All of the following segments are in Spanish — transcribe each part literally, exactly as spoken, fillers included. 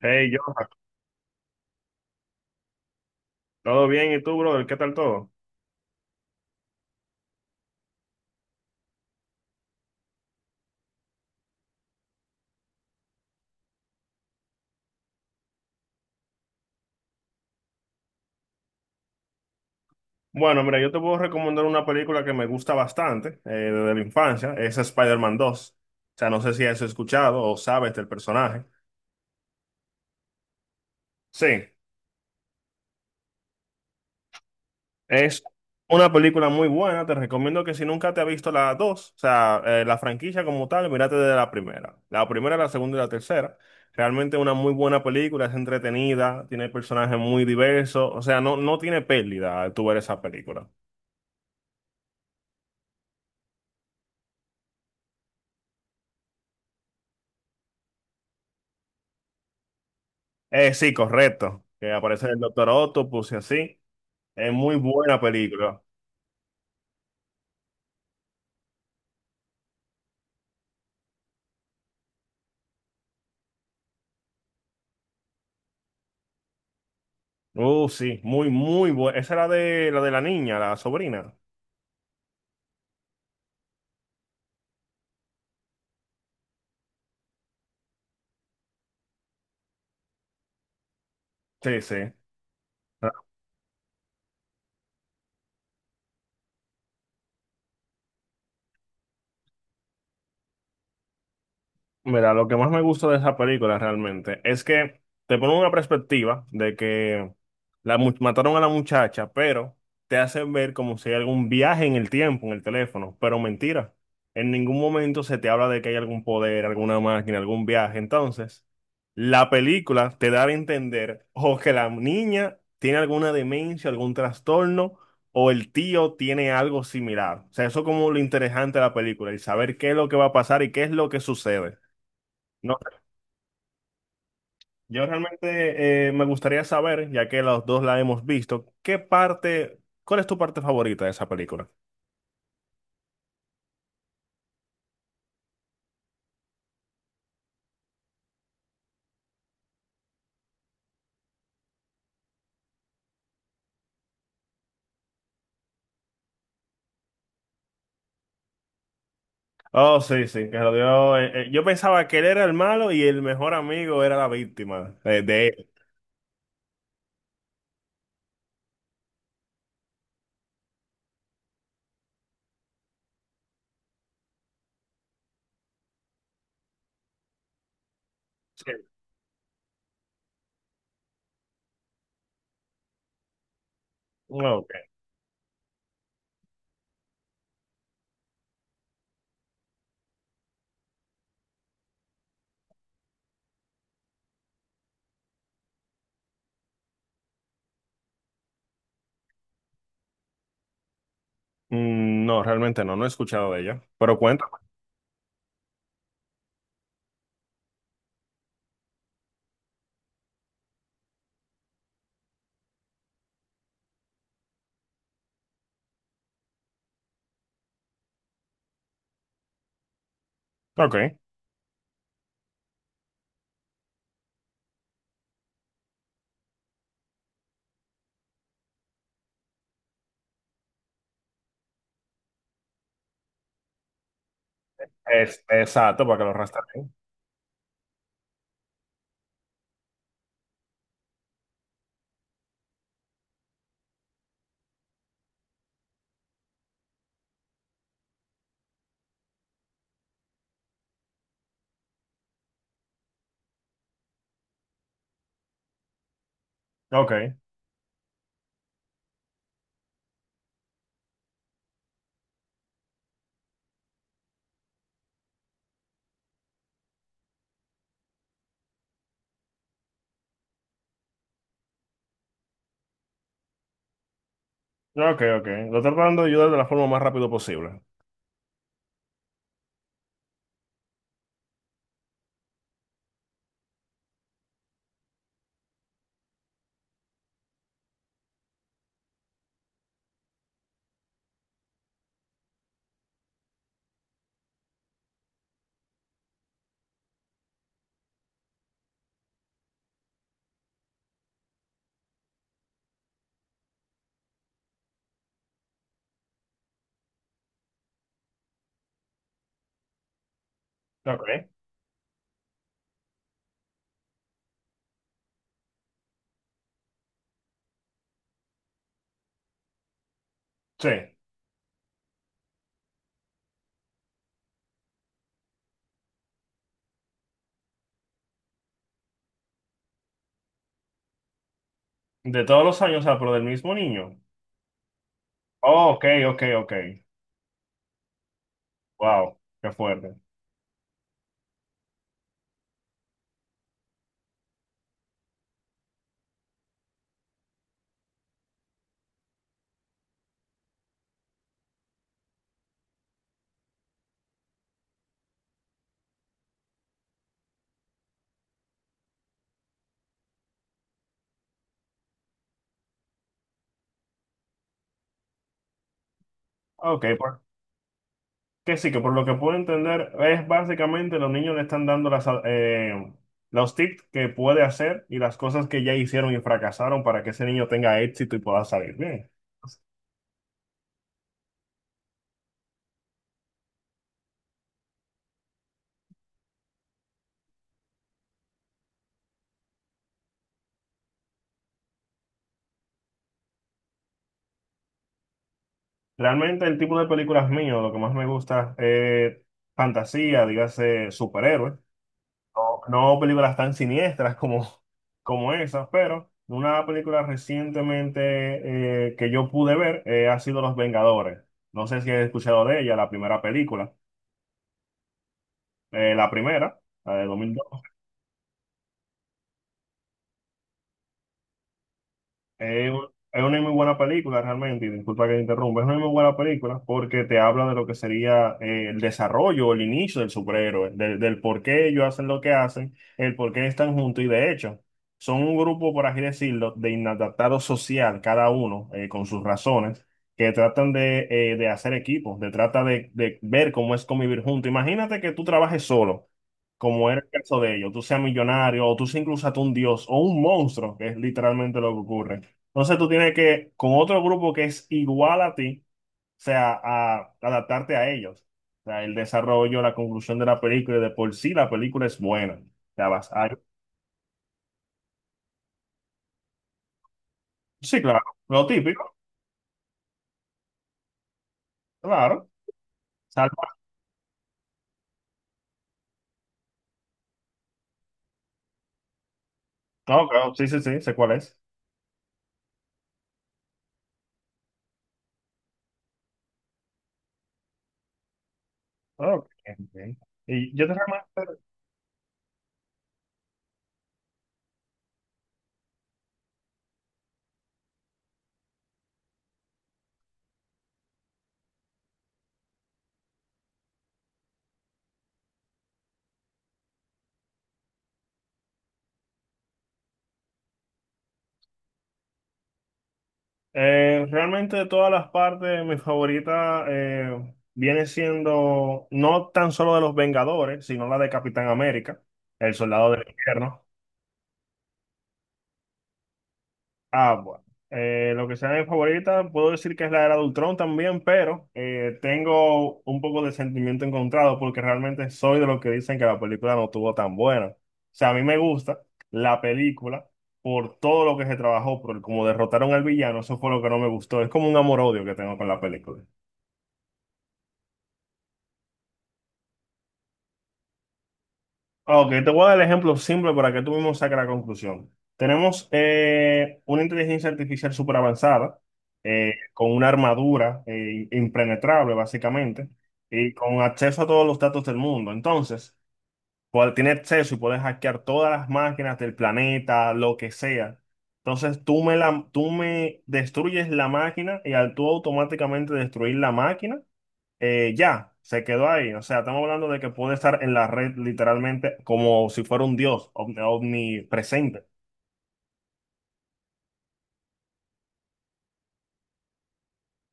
Hey, yo, ¿todo bien? ¿Y tú, brother? ¿Qué tal todo? Bueno, mira, yo te puedo recomendar una película que me gusta bastante eh, desde la infancia. Es Spider-Man dos. O sea, no sé si has escuchado o sabes del personaje. Sí, es una película muy buena. Te recomiendo que si nunca te has visto la dos, o sea, eh, la franquicia como tal, mírate de la primera. La primera, la segunda y la tercera. Realmente una muy buena película, es entretenida, tiene personajes muy diversos. O sea, no, no tiene pérdida al tú ver esa película. Eh, sí, correcto. Que aparece el Doctor Octopus y así. Es muy buena película. Uh, sí, muy, muy buena. Esa era de la de la niña, la sobrina. Sí, sí. Mira, lo que más me gusta de esa película realmente es que te pone una perspectiva de que la mu- mataron a la muchacha, pero te hacen ver como si hay algún viaje en el tiempo, en el teléfono, pero mentira. En ningún momento se te habla de que hay algún poder, alguna máquina, algún viaje. Entonces, la película te da a entender o que la niña tiene alguna demencia, algún trastorno, o el tío tiene algo similar. O sea, eso es como lo interesante de la película, el saber qué es lo que va a pasar y qué es lo que sucede. No, yo realmente eh, me gustaría saber, ya que los dos la hemos visto, ¿qué parte, cuál es tu parte favorita de esa película? Oh, sí, sí, que lo dio. Eh, eh, yo pensaba que él era el malo y el mejor amigo era la víctima eh, de él. Sí. No, ok. Mm, no, realmente no, no he escuchado de ella. Pero cuenta. Ok. Es, exacto, para que lo rastreen. Ok. Ok, ok. Lo tratando de ayudar de la forma más rápido posible. Ok. Sí. De todos los años, o sea, pero del mismo niño. Oh, ok, ok, ok. Wow, qué fuerte. Ok, por- que sí, que por lo que puedo entender, es básicamente los niños le están dando las, eh, los tips que puede hacer y las cosas que ya hicieron y fracasaron para que ese niño tenga éxito y pueda salir bien. Realmente el tipo de películas mío, lo que más me gusta es fantasía, dígase superhéroes. No, no películas tan siniestras como, como esas, pero una película recientemente eh, que yo pude ver eh, ha sido Los Vengadores. No sé si has escuchado de ella, la primera película. Eh, la primera, la de es, un- es una muy buena película realmente, y disculpa que te interrumpa, es una muy buena película porque te habla de lo que sería eh, el desarrollo o el inicio del superhéroe, del, del por qué ellos hacen lo que hacen, el por qué están juntos y de hecho son un grupo, por así decirlo, de inadaptados social, cada uno eh, con sus razones, que tratan de, eh, de hacer equipo, de trata de, de ver cómo es convivir juntos. Imagínate que tú trabajes solo, como era el caso de ellos, tú seas millonario o tú seas incluso hasta un dios o un monstruo, que es literalmente lo que ocurre. Entonces tú tienes que, con otro grupo que es igual a ti, o sea, a adaptarte a ellos. O sea, el desarrollo, la conclusión de la película, y de por sí la película es buena. O sea, vas a... Sí, claro, lo típico, claro. Salva. No, claro, sí, sí, sí, sé cuál es. Ok, ok. Y yo te realmente, eh, realmente de todas las partes, mi favorita eh, viene siendo no tan solo de los Vengadores, sino la de Capitán América, el Soldado del Invierno. Ah, bueno. Eh, lo que sea mi favorita, puedo decir que es la era de Ultron también, pero eh, tengo un poco de sentimiento encontrado porque realmente soy de los que dicen que la película no estuvo tan buena. O sea, a mí me gusta la película por todo lo que se trabajó, por como derrotaron al villano, eso fue lo que no me gustó. Es como un amor-odio que tengo con la película. Ok, te voy a dar el ejemplo simple para que tú mismo saques la conclusión. Tenemos eh, una inteligencia artificial súper avanzada, eh, con una armadura eh, impenetrable básicamente, y con acceso a todos los datos del mundo. Entonces, cual- tiene acceso y puedes hackear todas las máquinas del planeta, lo que sea. Entonces, tú me, la, tú me destruyes la máquina y al tú automáticamente destruir la máquina, eh, ya, se quedó ahí. O sea, estamos hablando de que puede estar en la red literalmente como si fuera un dios omni- omnipresente.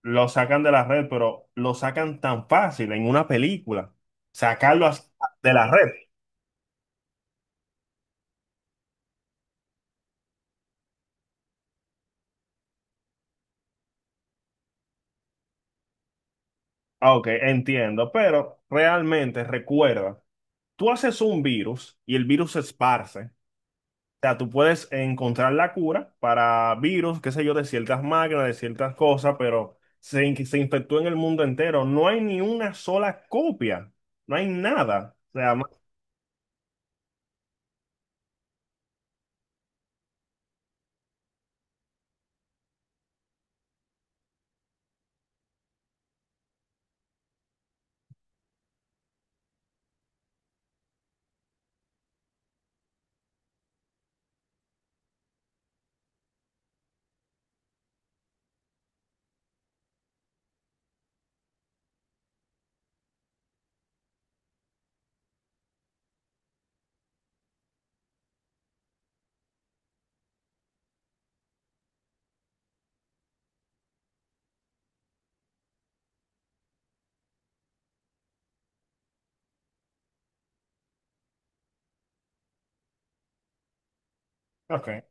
Lo sacan de la red, pero lo sacan tan fácil en una película. Sacarlo así de la red. Ah, ok, entiendo, pero realmente recuerda, tú haces un virus y el virus se esparce. Sea, tú puedes encontrar la cura para virus, qué sé yo, de ciertas máquinas, de ciertas cosas, pero se, in- se infectó en el mundo entero. No hay ni una sola copia. No hay nada. O sea, ma- ok.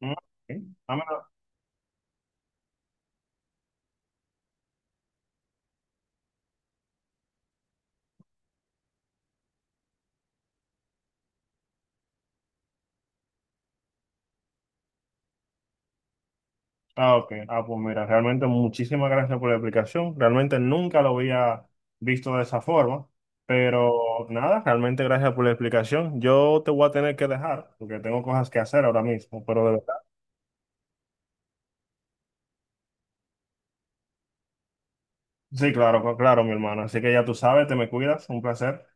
mm, Ok. Ah, mira. Ah, ok. Ah, pues mira, realmente muchísimas gracias por la explicación. Realmente nunca lo había visto de esa forma. Pero nada, realmente gracias por la explicación. Yo te voy a tener que dejar porque tengo cosas que hacer ahora mismo, pero de verdad. Sí, claro, claro, mi hermano. Así que ya tú sabes, te me cuidas. Un placer.